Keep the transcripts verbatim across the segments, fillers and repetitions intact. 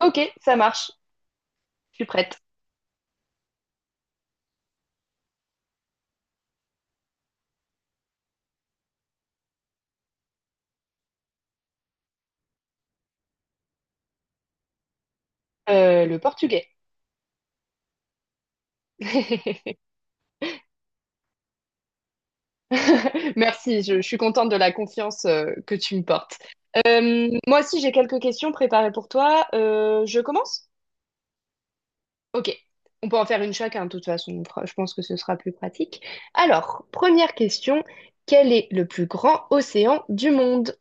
Ok, ça marche, je suis prête. Euh, le portugais. Merci, je, je suis contente de la confiance euh, que tu me portes. Euh, moi aussi, j'ai quelques questions préparées pour toi. Euh, je commence? Ok, on peut en faire une chacun, de toute façon. on fera- Je pense que ce sera plus pratique. Alors, première question, quel est le plus grand océan du monde?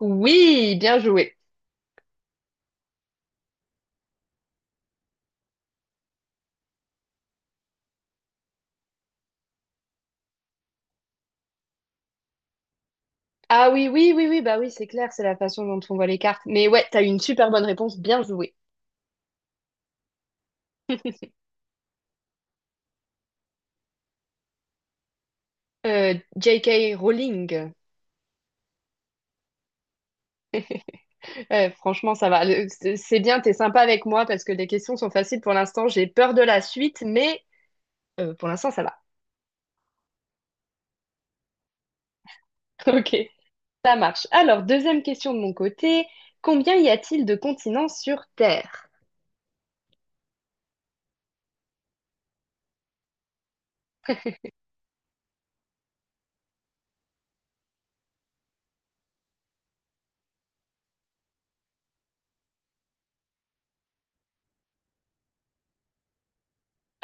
Oui, bien joué. Ah oui, oui, oui, oui, bah oui, c'est clair, c'est la façon dont on voit les cartes. Mais ouais, t'as eu une super bonne réponse, bien joué. Euh, J K. Rowling. Ouais, franchement, ça va. Le- C'est c'est bien, t'es sympa avec moi parce que les questions sont faciles pour l'instant. J'ai peur de la suite, mais euh, pour l'instant, ça va. Ok, ça marche. Alors, deuxième question de mon côté. Combien y a-t-il de continents sur Terre?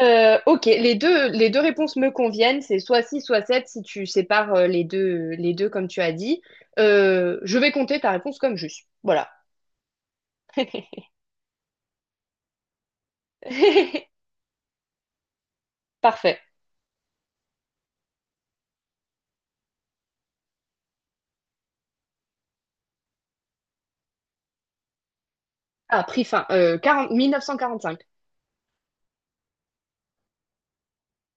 Euh, ok, les deux, les deux réponses me conviennent. C'est soit six, soit sept, si tu sépares euh, les deux, les deux comme tu as dit. Euh, je vais compter ta réponse comme juste. Voilà. Parfait. Ah, prix fin. Euh, quarante mille neuf cent quarante-cinq.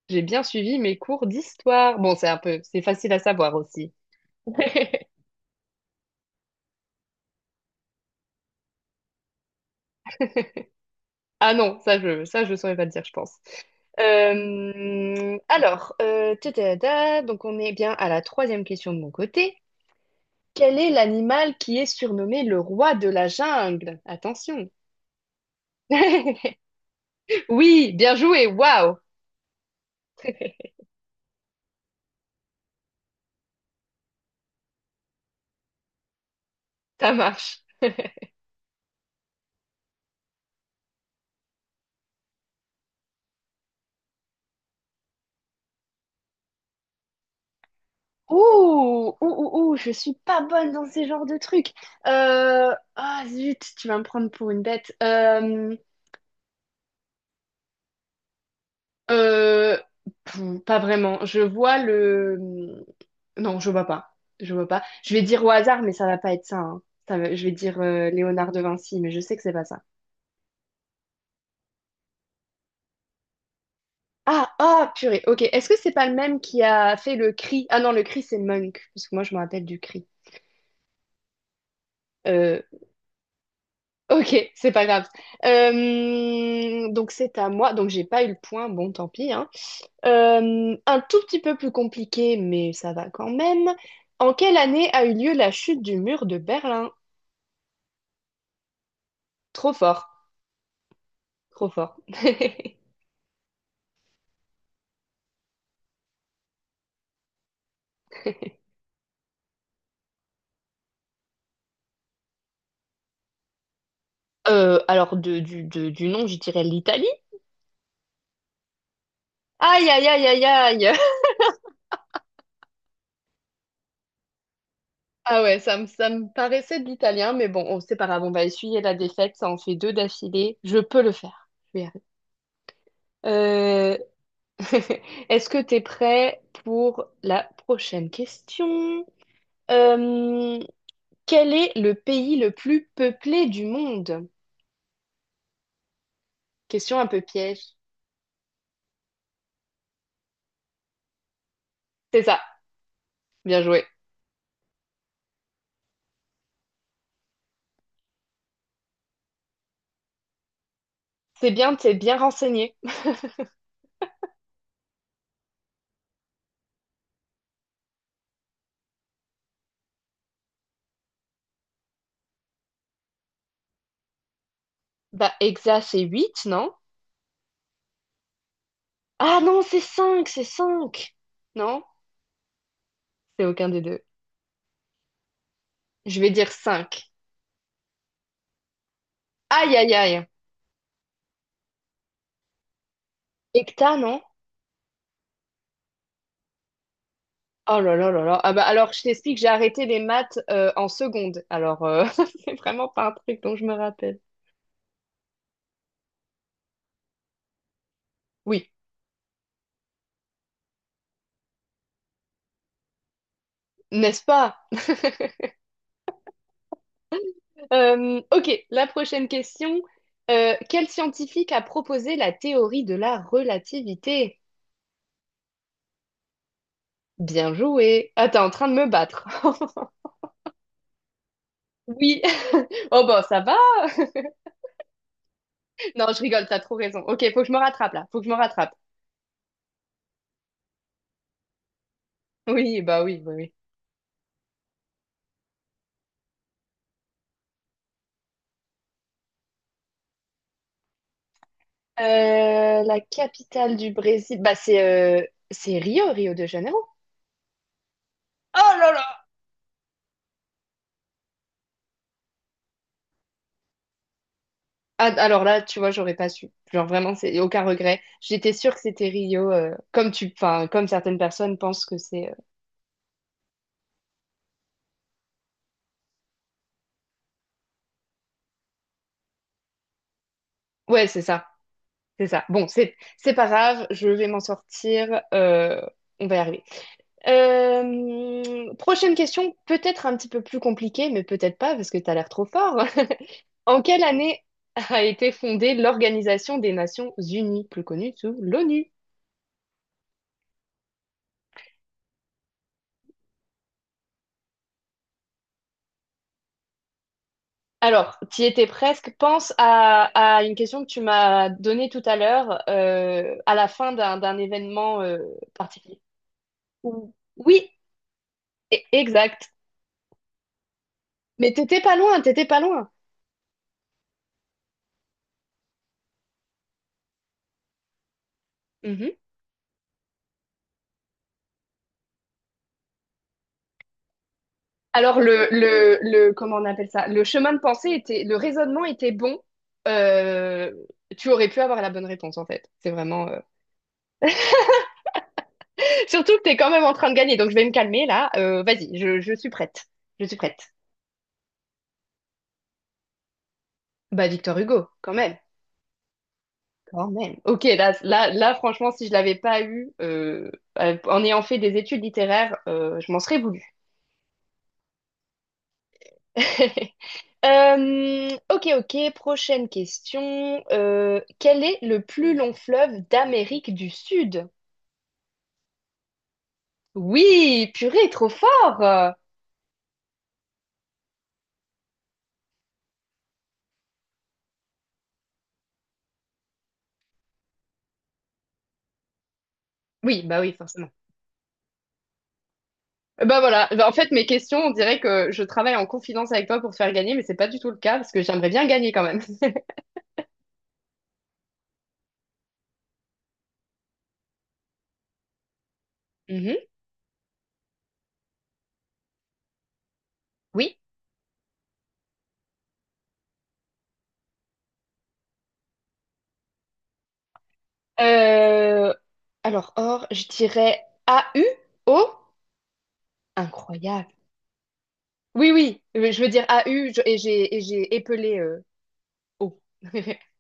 J'ai bien suivi mes cours d'histoire. Bon, c'est un peu, c'est facile à savoir aussi. Ah non, ça je, ça je saurais pas te dire, je pense. Euh, alors, euh, ta, ta, ta, donc on est bien à la troisième question de mon côté. Quel est l'animal qui est surnommé le roi de la jungle? Attention. Oui, bien joué. Waouh, ça marche. Ouh, ouh, ouh, ouh, je suis pas bonne dans ces genres de trucs. Euh, Ah zut, tu vas me prendre pour une bête. Euh, Euh, pou- Pas vraiment. Je vois le... Non, je vois pas. Je vois pas. Je vais dire au hasard, mais ça va pas être ça, hein. Ça va- Je vais dire euh, Léonard de Vinci, mais je sais que c'est pas ça. Ah, ah, purée. Ok. Est-ce que c'est pas le même qui a fait le cri? Ah non, le cri, c'est Monk. Parce que moi, je me rappelle du cri. Euh, ok, c'est pas grave. Euh, donc c'est à moi. Donc j'ai pas eu le point. Bon, tant pis, hein. Euh, un tout petit peu plus compliqué, mais ça va quand même. En quelle année a eu lieu la chute du mur de Berlin? Trop fort, trop fort. Euh, alors de- du, de- du nom, je dirais l'Italie. Aïe, aïe, aïe, aïe, aïe. Ah ouais, ça me, ça me paraissait de l'italien, mais bon, on- c'est pas grave, on va essuyer la défaite, ça en fait deux d'affilée. Je peux le faire. Je vais y arriver. Euh, Est-ce que t'es prêt pour la prochaine question? Euh, Quel est le pays le plus peuplé du monde? Question un peu piège. C'est ça, bien joué. C'est bien, t'es bien renseigné. Bah, Hexa, c'est huit, non? Ah non, c'est cinq, c'est cinq. Non, c'est aucun des deux. Je vais dire cinq. Aïe, aïe, aïe. Hecta, non? Oh là là là là. Ah bah alors, je t'explique, j'ai arrêté les maths euh, en seconde. Alors, euh, c'est vraiment pas un truc dont je me rappelle. Oui, n'est-ce pas? Euh, ok, la prochaine question. Euh, quel scientifique a proposé la théorie de la relativité? Bien joué. Ah, t'es en train de me battre. Oui. Oh, bon, ça va. Non, je rigole, t'as trop raison. Ok, faut que je me rattrape là. Faut que je me rattrape. Oui, bah oui, oui, oui. Euh, la capitale du Brésil, bah c'est euh, c'est Rio, Rio de Janeiro. Oh là là! Ah, alors là, tu vois, j'aurais pas su. Genre vraiment, c'est aucun regret. J'étais sûre que c'était Rio, euh, comme tu, enfin, comme certaines personnes pensent que c'est. euh, Ouais, c'est ça, c'est ça. Bon, c'est c'est pas grave, je vais m'en sortir, euh, on va y arriver. Euh, prochaine question, peut-être un petit peu plus compliquée, mais peut-être pas parce que t'as l'air trop fort. En quelle année a été fondée l'Organisation des Nations Unies, plus connue sous l'onu? Alors, tu étais presque. Pense à, à une question que tu m'as donnée tout à l'heure, euh, à la fin d'un d'un événement euh, particulier. Ou- Oui, e- exact. Mais t'étais pas loin, t'étais pas loin. Alors le, le, le comment on appelle ça? Le chemin de pensée était, le raisonnement était bon. Euh, Tu aurais pu avoir la bonne réponse en fait. C'est vraiment. euh, Surtout que t'es quand même en train de gagner, donc je vais me calmer là. Euh, vas-y, je, je suis prête. Je suis prête. Bah Victor Hugo, quand même. Quand même. Ok, là, là, là, franchement, si je l'avais pas eu, euh, euh, en ayant fait des études littéraires, euh, je m'en serais voulu. Euh, ok, ok, prochaine question. Euh, quel est le plus long fleuve d'Amérique du Sud? Oui, purée, trop fort. Euh, Oui, bah oui, forcément. Euh, Bah voilà. Bah, en fait mes questions, on dirait que je travaille en confidence avec toi pour te faire gagner, mais c'est pas du tout le cas parce que j'aimerais bien gagner quand même. Mhm. Oui. Euh, Alors or, je dirais A U. O. Incroyable. Oui, oui, Euh, je veux dire A U je- et j'ai et j'ai épelé euh, O.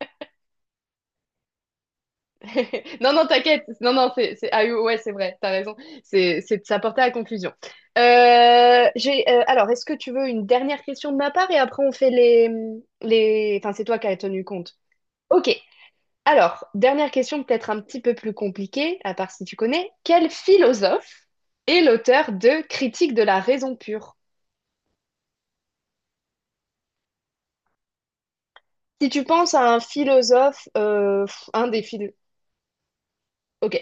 Non, non, t'inquiète. Non, non, c'est, c'est, ah, oui, ouais, c'est vrai, t'as raison. C'est, c'est de s'apporter à la conclusion. Euh, j'ai, euh, alors, est-ce que tu veux une dernière question de ma part et après on fait les, les, enfin, c'est toi qui as tenu compte. Ok. Alors, dernière question peut-être un petit peu plus compliquée, à part si tu connais. Quel philosophe est l'auteur de Critique de la raison pure? Si tu penses à un philosophe, euh, pff, un des philo... Ok.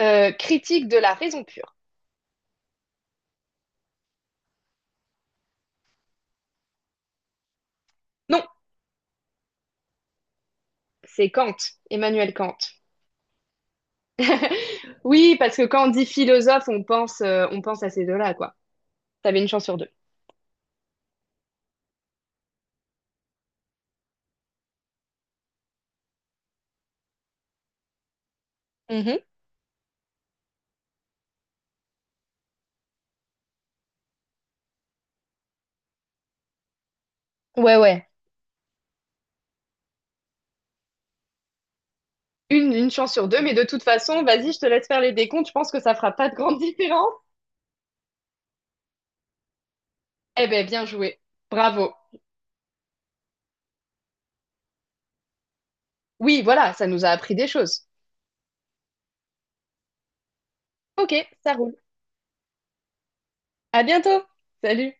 Euh, Critique de la raison pure. Non, c'est Kant, Emmanuel Kant. Oui, parce que quand on dit philosophe, on pense, euh, on pense à ces deux-là, quoi. T'avais une chance sur deux. Mhm. Ouais, ouais. Une, une chance sur deux, mais de toute façon, vas-y, je te laisse faire les décomptes, je pense que ça fera pas de grande différence. Eh ben, bien joué. Bravo. Oui, voilà, ça nous a appris des choses. Ok, ça roule. À bientôt. Salut.